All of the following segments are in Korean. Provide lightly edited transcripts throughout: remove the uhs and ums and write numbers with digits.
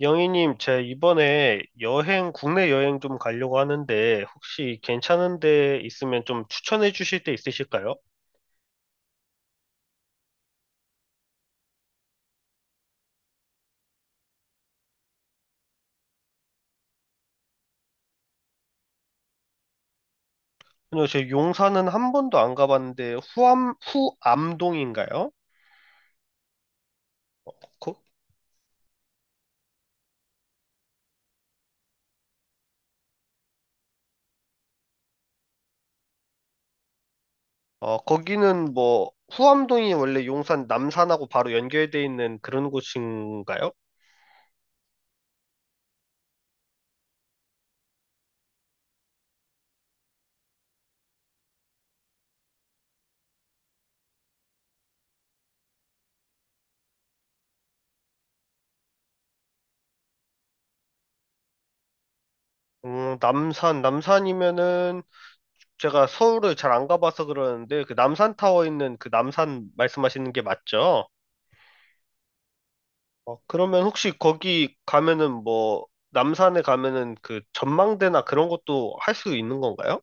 영희님, 제 이번에 여행, 국내 여행 좀 가려고 하는데, 혹시 괜찮은 데 있으면 좀 추천해 주실 데 있으실까요? 아니요, 제 용산은 한 번도 안 가봤는데, 후암동인가요? 어, 거, 거기는 뭐, 후암동이 원래 용산 남산하고 바로 연결돼 있는 그런 곳인가요? 남산이면은 제가 서울을 잘 안 가봐서 그러는데, 그 남산타워 있는 그 남산 말씀하시는 게 맞죠? 어, 그러면 혹시 거기 가면은 뭐, 남산에 가면은 그 전망대나 그런 것도 할 수 있는 건가요?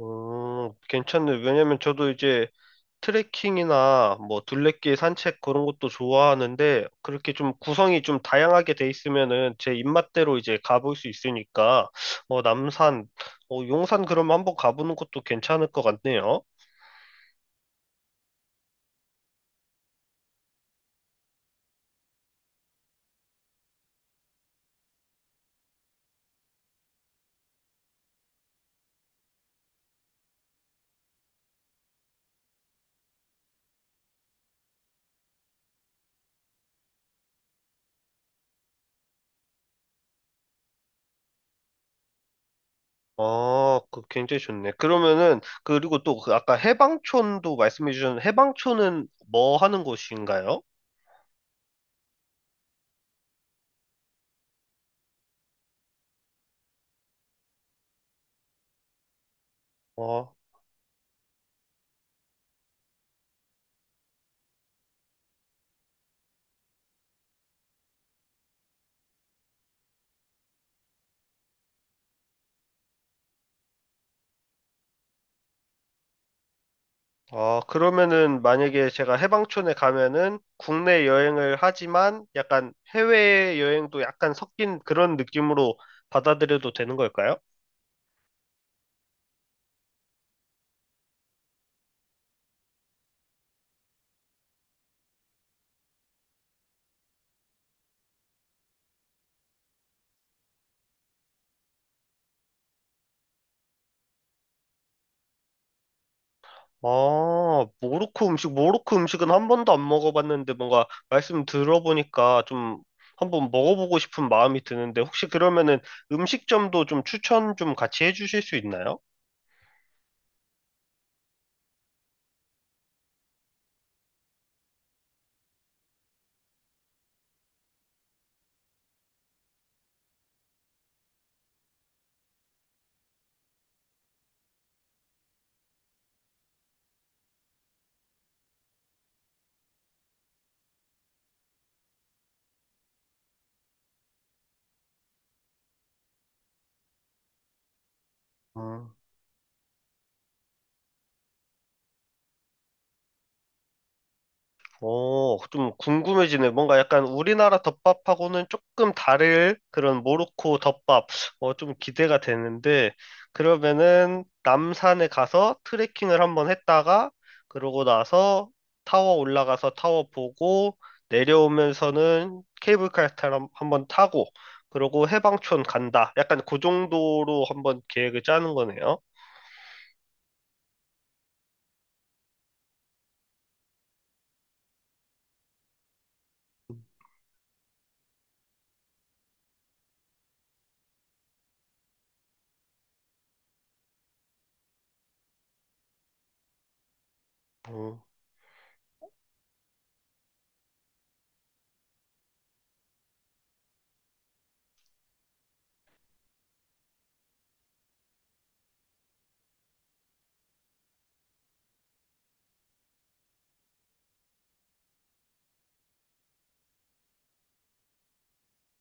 괜찮네. 왜냐면 저도 이제 트레킹이나 뭐 둘레길 산책 그런 것도 좋아하는데 그렇게 좀 구성이 좀 다양하게 돼 있으면은 제 입맛대로 이제 가볼 수 있으니까 어, 남산, 용산 그러면 한번 가보는 것도 괜찮을 것 같네요. 아, 그 굉장히 좋네. 그러면은 그리고 또그 아까 해방촌도 말씀해 주셨는데 해방촌은 뭐 하는 곳인가요? 어, 아, 그러면은 만약에 제가 해방촌에 가면은 국내 여행을 하지만 약간 해외 여행도 약간 섞인 그런 느낌으로 받아들여도 되는 걸까요? 아, 모로코 음식은 한 번도 안 먹어봤는데 뭔가 말씀 들어보니까 좀 한번 먹어보고 싶은 마음이 드는데 혹시 그러면은 음식점도 좀 추천 좀 같이 해주실 수 있나요? 음. 어, 좀 궁금해지네. 뭔가 약간 우리나라 덮밥하고는 조금 다를 그런 모로코 덮밥. 어, 좀 기대가 되는데, 그러면은 남산에 가서 트레킹을 한번 했다가, 그러고 나서 타워 올라가서 타워 보고, 내려오면서는 케이블카 타러 한번 타고, 그러고 해방촌 간다. 약간 그 정도로 한번 계획을 짜는 거네요.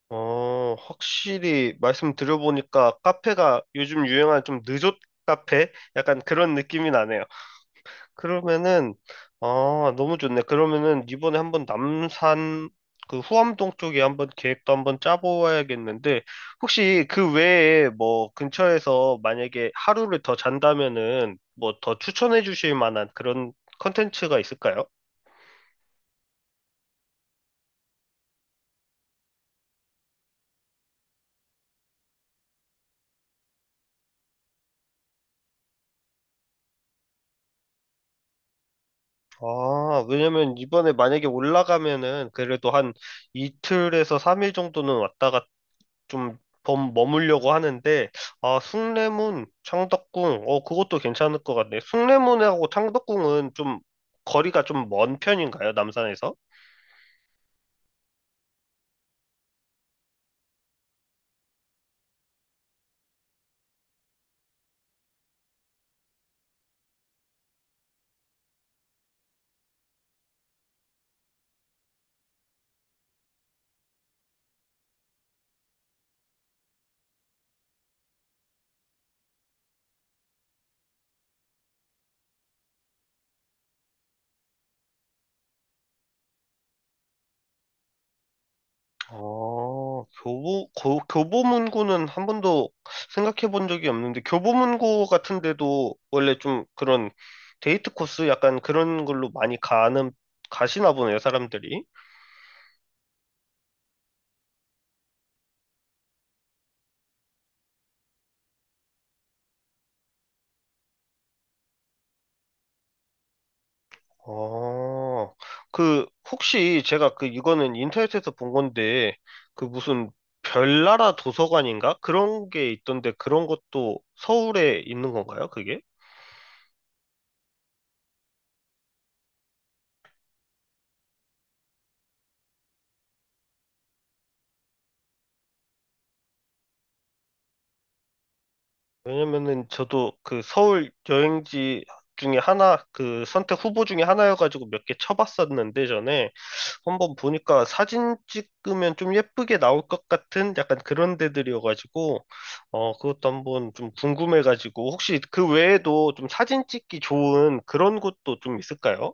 어, 확실히 말씀 들어보니까 카페가 요즘 유행한 좀 느좋 카페? 약간 그런 느낌이 나네요. 그러면은, 아, 너무 좋네. 그러면은 이번에 한번 남산, 그 후암동 쪽에 한번 계획도 한번 짜보아야겠는데, 혹시 그 외에 뭐 근처에서 만약에 하루를 더 잔다면은 뭐 더 추천해 주실 만한 그런 컨텐츠가 있을까요? 아, 왜냐면 이번에 만약에 올라가면은 그래도 한 이틀에서 3일 정도는 왔다가 좀 머물려고 하는데, 아, 숭례문, 창덕궁, 어, 그것도 괜찮을 것 같네. 숭례문하고 창덕궁은 좀 거리가 좀 먼 편인가요, 남산에서? 교보문고는 한 번도 생각해 본 적이 없는데, 교보문고 같은 데도 원래 좀 그런 데이트 코스 약간 그런 걸로 많이 가시나 보네요, 사람들이. 어, 그, 혹시 이거는 인터넷에서 본 건데, 그 무슨 별나라 도서관인가? 그런 게 있던데, 그런 것도 서울에 있는 건가요, 그게? 왜냐면은 저도 그 서울 여행지 그 선택 후보 중에 하나여가지고 몇 개 쳐봤었는데, 전에. 한번 보니까 사진 찍으면 좀 예쁘게 나올 것 같은 약간 그런 데들이어가지고, 어, 그것도 한번 좀 궁금해가지고, 혹시 그 외에도 좀 사진 찍기 좋은 그런 곳도 좀 있을까요?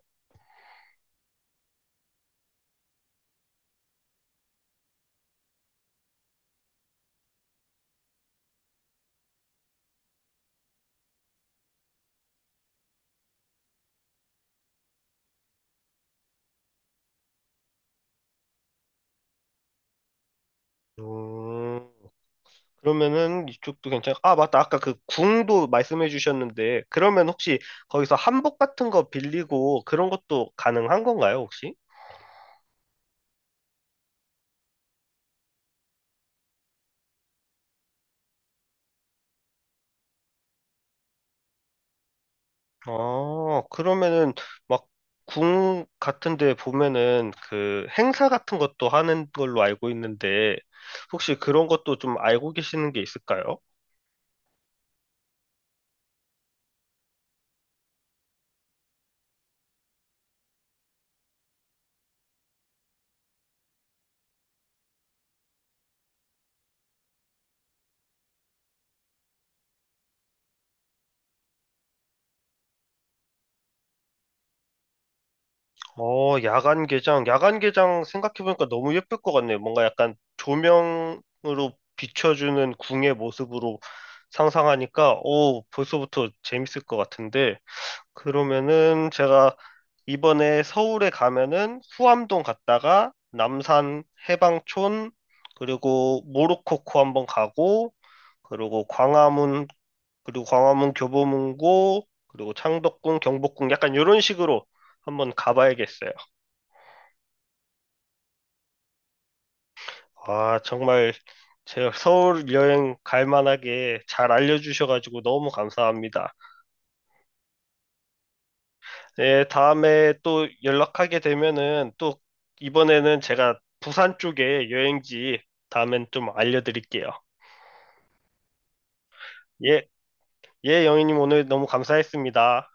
음, 아, 맞다. 아까 그 궁도 말씀해 주셨는데, 그러면 혹시 거기서 한복 같은 거 빌리고 그런 것도 가능한 건가요, 혹시? 아, 그러면은 막 궁 같은 데 보면은 그 행사 같은 것도 하는 걸로 알고 있는데 혹시 그런 것도 좀 알고 계시는 게 있을까요? 어, 야간 개장. 야간 개장 생각해보니까 너무 예쁠 것 같네요. 뭔가 약간 조명으로 비춰주는 궁의 모습으로 상상하니까, 오, 벌써부터 재밌을 것 같은데. 그러면은 제가 이번에 서울에 가면은 후암동 갔다가 남산 해방촌 그리고 모로코코 한번 가고 그리고 광화문 그리고 광화문 교보문고 그리고 창덕궁 경복궁 약간 이런 식으로 한번 가봐야겠어요. 아 정말 제가 서울 여행 갈 만하게 잘 알려주셔가지고 너무 감사합니다. 예, 다음에 또 연락하게 되면은 또 이번에는 제가 부산 쪽에 여행지 다음엔 좀 알려드릴게요. 예, 예, 영희님 오늘 너무 감사했습니다.